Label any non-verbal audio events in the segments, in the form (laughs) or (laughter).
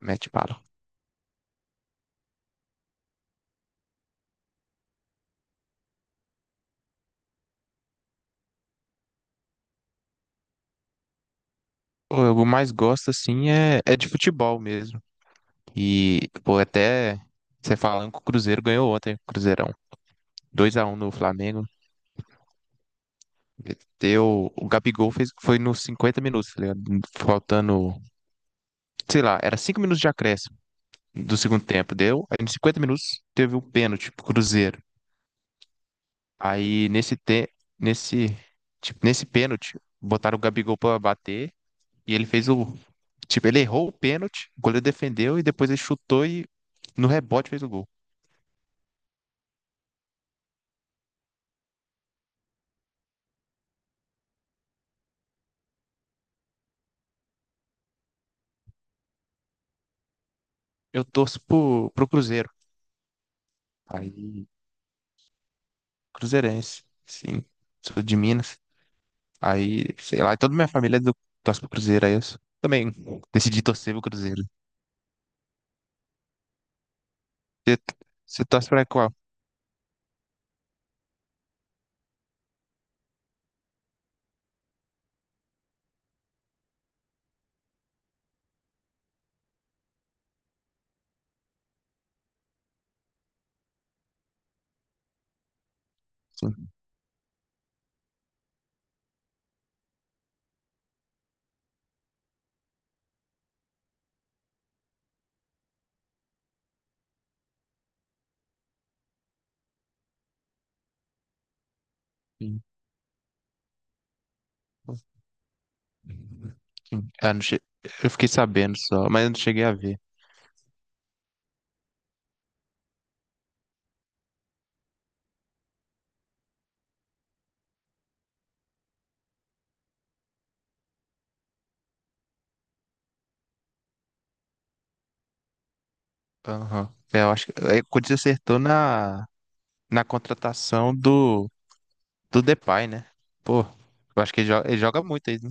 Mete bala. Pô, eu mais gosto, assim, é de futebol mesmo. E, pô, até você falando que o Cruzeiro ganhou ontem, Cruzeirão. 2-1 no Flamengo. Deu, o Gabigol fez, foi nos 50 minutos, tá ligado? Faltando, sei lá, era 5 minutos de acréscimo do segundo tempo. Deu, aí nos 50 minutos teve um pênalti pro Cruzeiro. Aí nesse, tipo, nesse pênalti, botaram o Gabigol pra bater. E ele fez o. Tipo, ele errou o pênalti, o goleiro defendeu e depois ele chutou e no rebote fez o gol. Eu torço pro Cruzeiro. Aí, cruzeirense, sim. Sou de Minas. Aí, sei lá, toda minha família é torce pro Cruzeiro, aí eu também decidi torcer pro Cruzeiro. Você você torce pra qual? Sim. Sim. Ah, não che... Eu fiquei sabendo só, mas eu não cheguei a ver. Aham. É, eu acho o Corinthians acertou na contratação do Depay, né? Pô, eu acho que ele joga muito aí, né?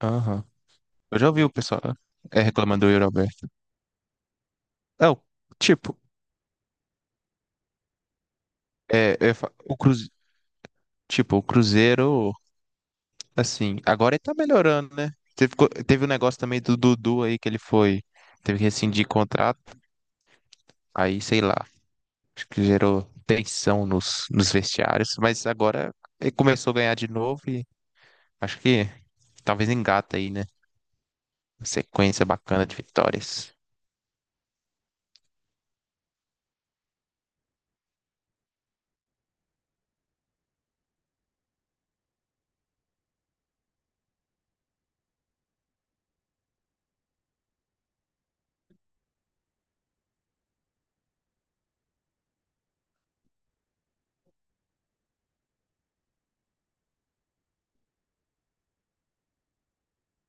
Aham. Eu já ouvi o pessoal reclamando do Euroberto. Não, tipo, o Cruzeiro, tipo, assim, agora ele tá melhorando, né? Teve um negócio também do Dudu aí que ele foi, teve que rescindir contrato, aí sei lá, acho que gerou tensão nos vestiários, mas agora ele começou a ganhar de novo e acho que talvez engata aí, né? Uma sequência bacana de vitórias.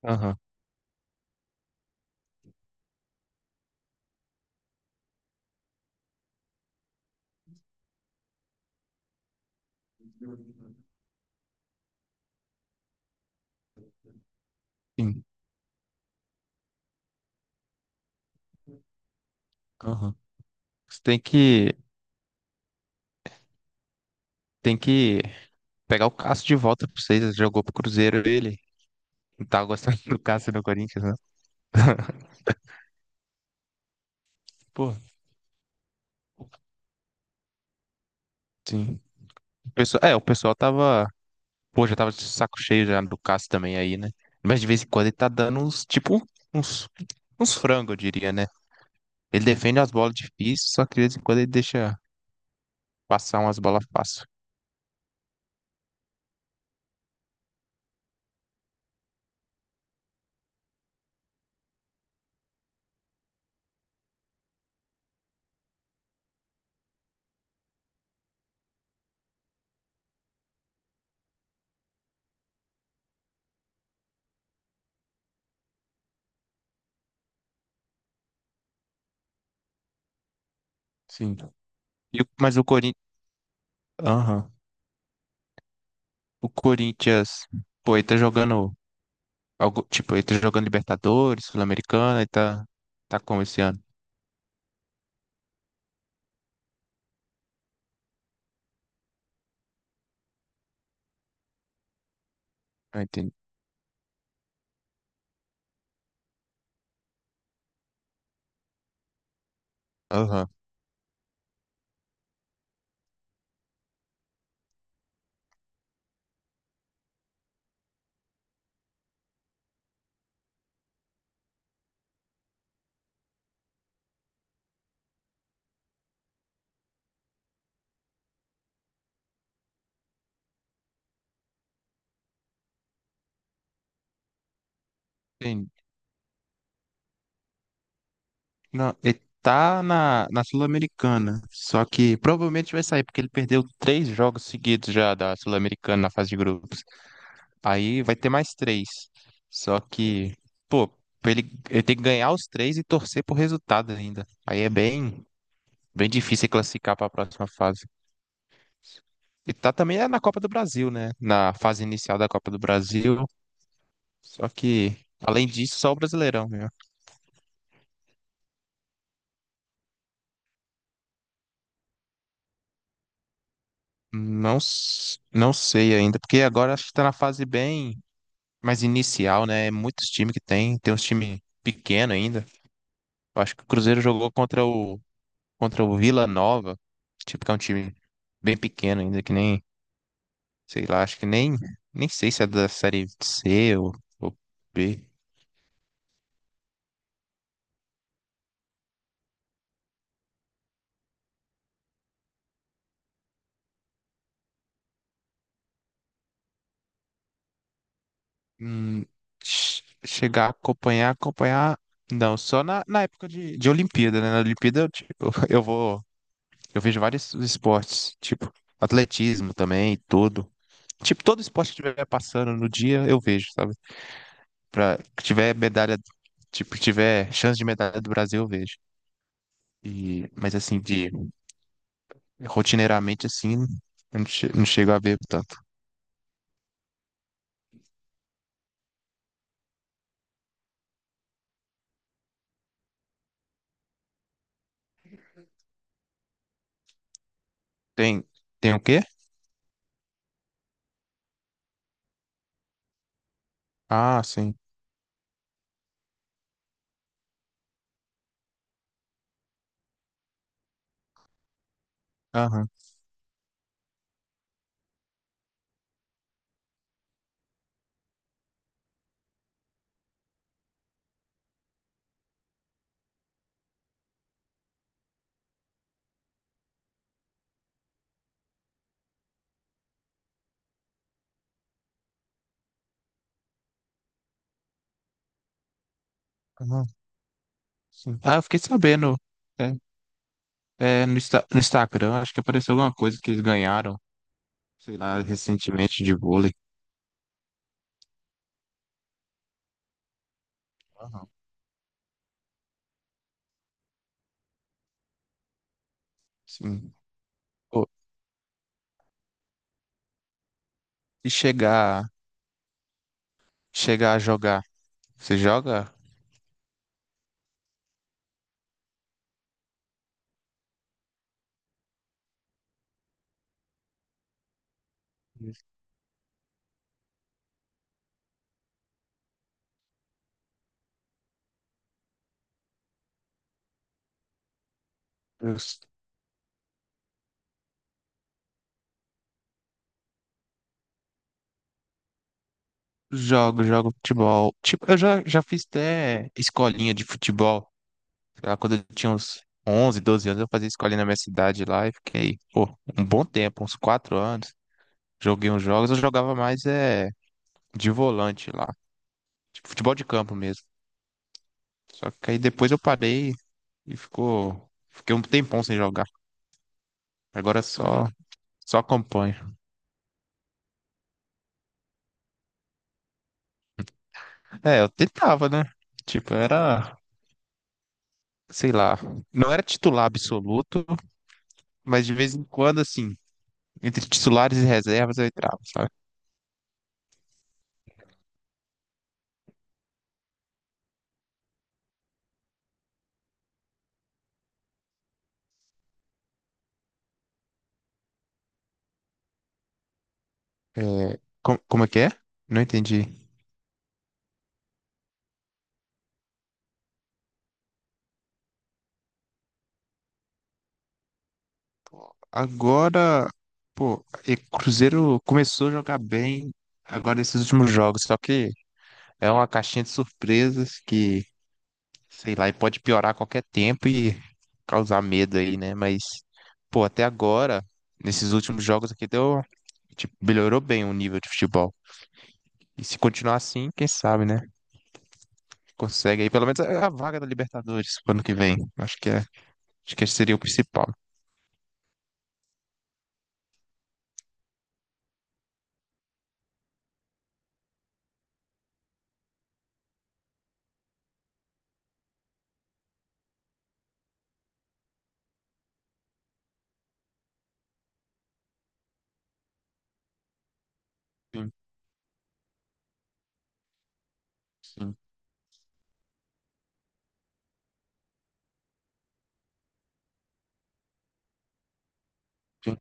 Aham. Sim. Aham. Você tem que pegar o Cássio de volta pra vocês. Ele jogou pro Cruzeiro ele. Não tava gostando do Cássio no Corinthians, né? (laughs) Pô, sim. O pessoal tava. Pô, já tava de saco cheio já do Cássio também aí, né? Mas de vez em quando ele tá dando uns, tipo, uns, uns frangos, eu diria, né? Ele defende as bolas difíceis, só que de vez em quando ele deixa passar umas bolas fáceis. Sim. Mas o Corinthians. Aham. O Corinthians. Pô, ele tá jogando. Algo, tipo, ele tá jogando Libertadores, Sul-Americana, ele tá. Tá como esse ano? Ah, entendi. Aham. Tem- Não, ele tá na Sul-Americana, só que provavelmente vai sair, porque ele perdeu 3 jogos seguidos já da Sul-Americana na fase de grupos. Aí vai ter mais três. Só que, pô, pra ele, ele tem que ganhar os três e torcer por resultado ainda. Aí é bem, bem difícil ele classificar para a próxima fase. E tá também é na Copa do Brasil, né? Na fase inicial da Copa do Brasil. Só que, além disso, só o Brasileirão, né? Não, não sei ainda, porque agora acho que tá na fase bem mais inicial, né? É. Muitos times que tem uns times pequeno ainda. Eu acho que o Cruzeiro jogou contra o Vila Nova, tipo que é um time bem pequeno ainda, que nem, sei lá, acho que nem sei se é da série C ou B. Hum, chegar a acompanhar, não, só na época de Olimpíada, né? Na Olimpíada eu, tipo, (laughs) eu vejo vários esportes, tipo atletismo também e tudo. Tipo, todo esporte que tiver passando no dia, eu vejo, sabe? Que tiver medalha, tipo, que tiver chance de medalha do Brasil, eu vejo. E, mas assim, de rotineiramente assim, eu não, che- não chego a ver tanto. Tem, tem o quê? Ah, sim. Aham. Aham, sim. Ah, eu fiquei sabendo. É, no Instagram, acho que apareceu alguma coisa que eles ganharam, sei lá, recentemente de vôlei. Aham. Sim. Pô, se chegar a jogar. Você joga? Eu jogo futebol. Tipo, eu já fiz até escolinha de futebol. Sei lá, quando eu tinha uns 11 12 anos, eu fazia escolinha na minha cidade lá e fiquei, pô, um bom tempo, uns 4 anos. Joguei uns jogos, eu jogava mais de volante lá. Tipo, futebol de campo mesmo. Só que aí depois eu parei e ficou. Fiquei um tempão sem jogar. Agora só acompanho. É, eu tentava, né? Tipo, era. Sei lá, não era titular absoluto, mas de vez em quando, assim, entre titulares e reservas eu entrava, sabe? É, como é que é? Não entendi. Agora, pô, e Cruzeiro começou a jogar bem agora nesses últimos jogos, só que é uma caixinha de surpresas que sei lá, e pode piorar a qualquer tempo e causar medo aí, né? Mas, pô, até agora, nesses últimos jogos aqui, deu, tipo, melhorou bem o nível de futebol. E se continuar assim, quem sabe, né? Consegue aí pelo menos a vaga da Libertadores pro ano que vem. Acho que esse seria o principal. Sim, sim, sim.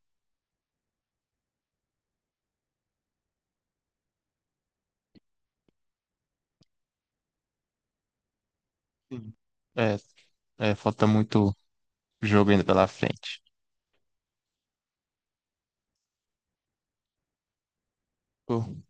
Sim. É, é, falta muito jogo ainda pela frente. Pô,